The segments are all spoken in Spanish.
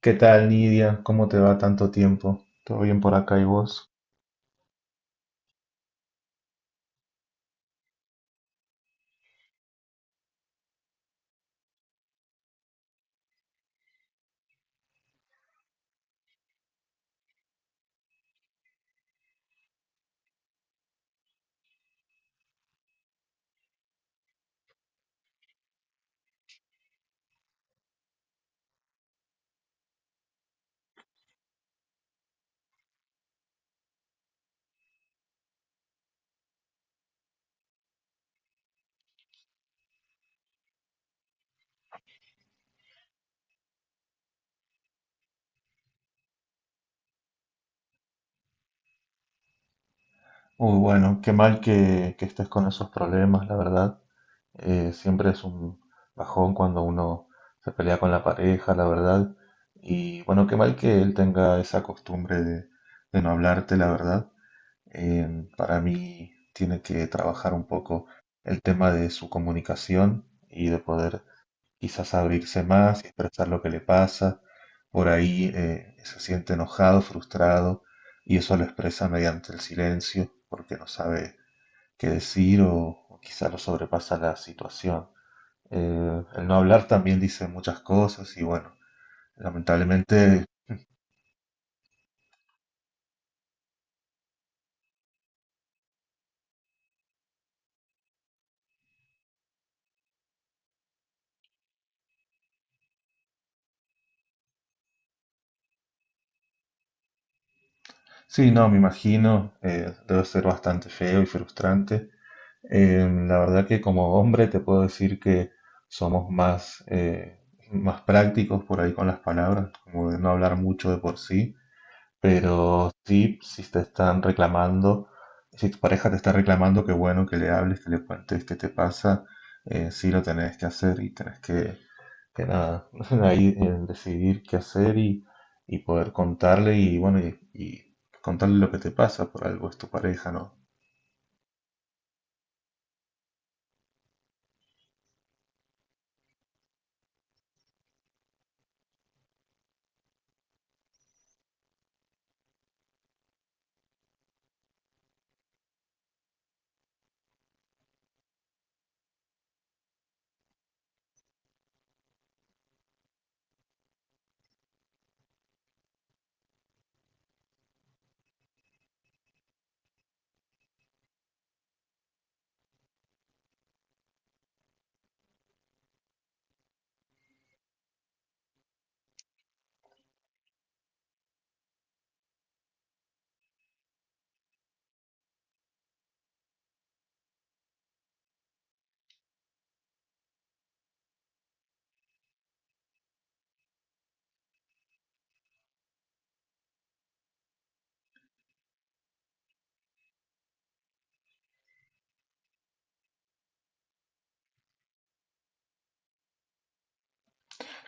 ¿Qué tal, Nidia? ¿Cómo te va tanto tiempo? ¿Todo bien por acá y vos? Uy, bueno, qué mal que estés con esos problemas, la verdad. Siempre es un bajón cuando uno se pelea con la pareja, la verdad. Y bueno, qué mal que él tenga esa costumbre de no hablarte, la verdad. Para mí tiene que trabajar un poco el tema de su comunicación y de poder quizás abrirse más y expresar lo que le pasa. Por ahí se siente enojado, frustrado, y eso lo expresa mediante el silencio, porque no sabe qué decir o quizás lo sobrepasa la situación. El no hablar también dice muchas cosas y bueno, lamentablemente, sí, no, me imagino, debe ser bastante feo y frustrante. La verdad que como hombre te puedo decir que somos más, más prácticos por ahí con las palabras, como de no hablar mucho de por sí, pero sí, si te están reclamando, si tu pareja te está reclamando, qué bueno que le hables, que le cuentes qué te pasa, sí lo tenés que hacer y tenés que nada, ahí decidir qué hacer y poder contarle y bueno, y contarle lo que te pasa, por algo es tu pareja, ¿no?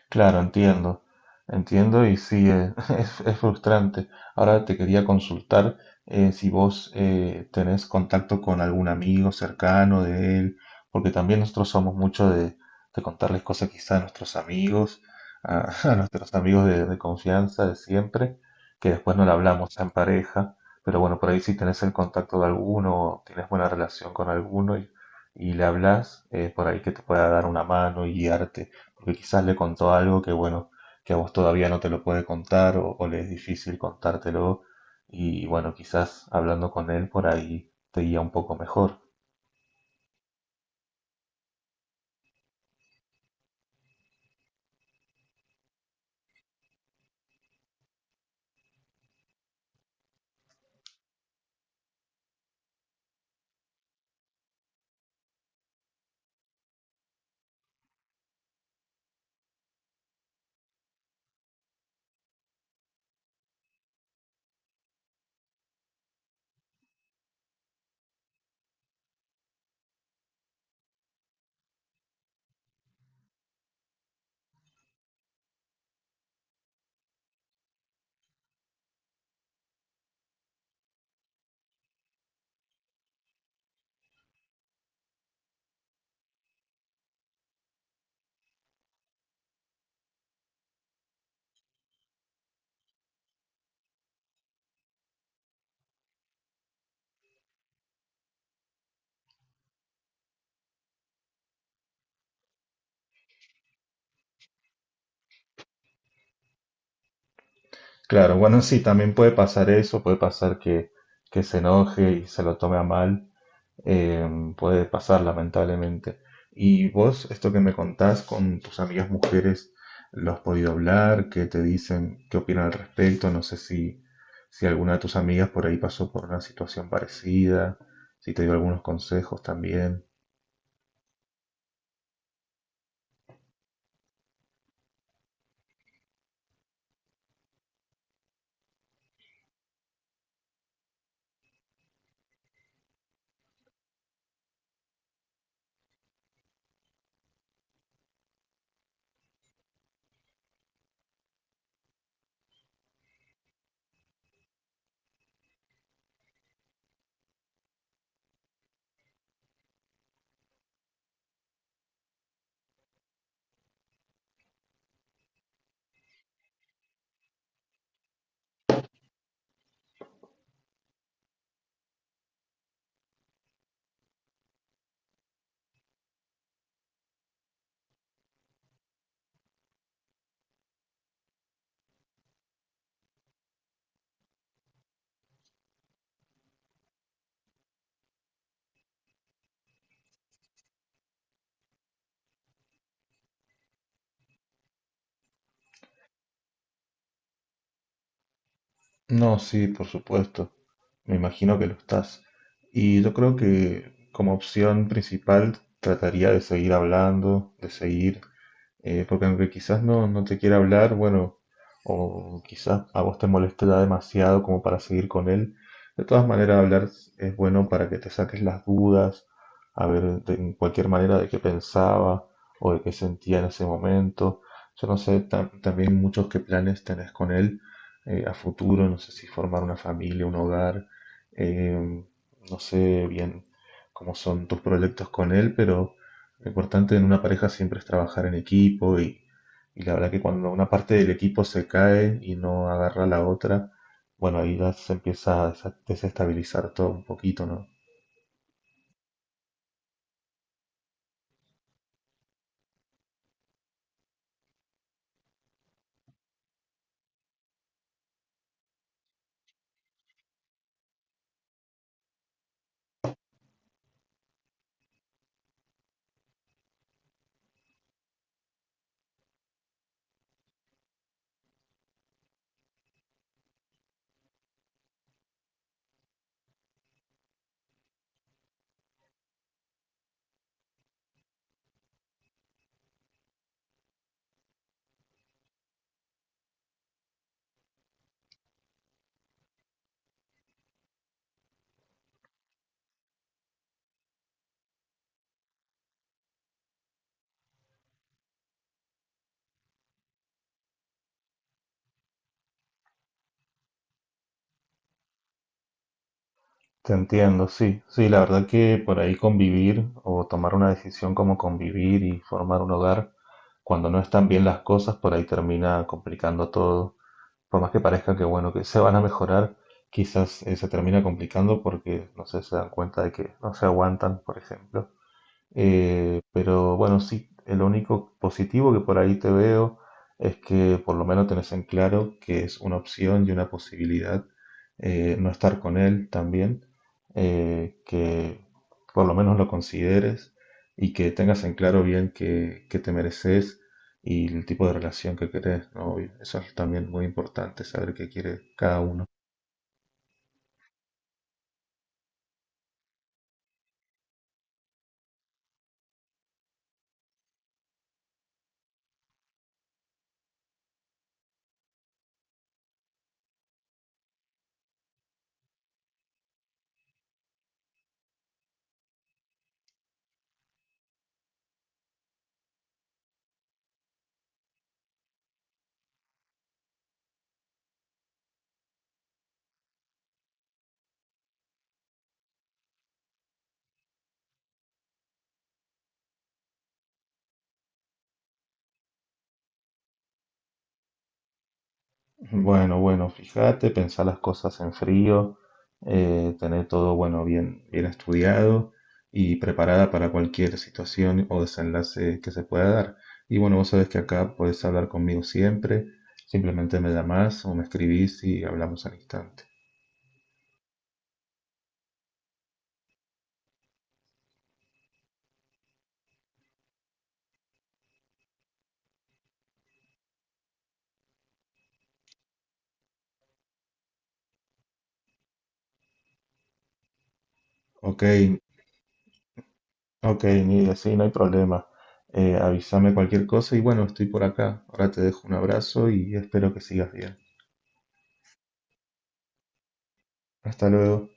Claro, entiendo, entiendo y sí, es frustrante. Ahora te quería consultar si vos tenés contacto con algún amigo cercano de él, porque también nosotros somos mucho de contarles cosas quizá a nuestros amigos, a, a nuestros amigos de confianza de siempre, que después no le hablamos en pareja, pero bueno, por ahí si tenés el contacto de alguno, tienes buena relación con alguno y le hablas, por ahí que te pueda dar una mano y guiarte porque quizás le contó algo que, bueno, que a vos todavía no te lo puede contar o le es difícil contártelo y, bueno, quizás hablando con él por ahí te guía un poco mejor. Claro, bueno, sí, también puede pasar eso, puede pasar que se enoje y se lo tome a mal, eh, puede pasar lamentablemente. ¿Y vos, esto que me contás con tus amigas mujeres, lo has podido hablar? ¿Qué te dicen? ¿Qué opinan al respecto? No sé si, si alguna de tus amigas por ahí pasó por una situación parecida, si te dio algunos consejos también. No, sí, por supuesto. Me imagino que lo estás. Y yo creo que como opción principal trataría de seguir hablando, de seguir. Porque aunque quizás no, no te quiera hablar, bueno, o quizás a vos te moleste demasiado como para seguir con él, de todas maneras hablar es bueno para que te saques las dudas, a ver de en cualquier manera de qué pensaba o de qué sentía en ese momento. Yo no sé también muchos qué planes tenés con él a futuro, no sé si formar una familia, un hogar, eh, no sé bien cómo son tus proyectos con él, pero lo importante en una pareja siempre es trabajar en equipo y la verdad que cuando una parte del equipo se cae y no agarra la otra, bueno, ahí ya se empieza a desestabilizar todo un poquito, ¿no? Te entiendo, sí, sí, la verdad que por ahí convivir o tomar una decisión como convivir y formar un hogar, cuando no están bien las cosas, por ahí termina complicando todo. Por más que parezca que bueno, que se van a mejorar, quizás se termina complicando porque no sé, se dan cuenta de que no se aguantan, por ejemplo. Pero bueno, sí, lo único positivo que por ahí te veo es que por lo menos tenés en claro que es una opción y una posibilidad no estar con él también, que por lo menos lo consideres y que tengas en claro bien que te mereces y el tipo de relación que querés, ¿no? Y eso es también muy importante, saber qué quiere cada uno. Bueno, bueno, fíjate, pensar las cosas en frío, tener todo, bueno, bien, bien estudiado y preparada para cualquier situación o desenlace que se pueda dar. Y bueno, vos sabés que acá podés hablar conmigo siempre, simplemente me llamás o me escribís y hablamos al instante. Ok, ok, Nidia, sí, no hay problema. Avísame cualquier cosa y bueno, estoy por acá. Ahora te dejo un abrazo y espero que sigas bien. Hasta luego.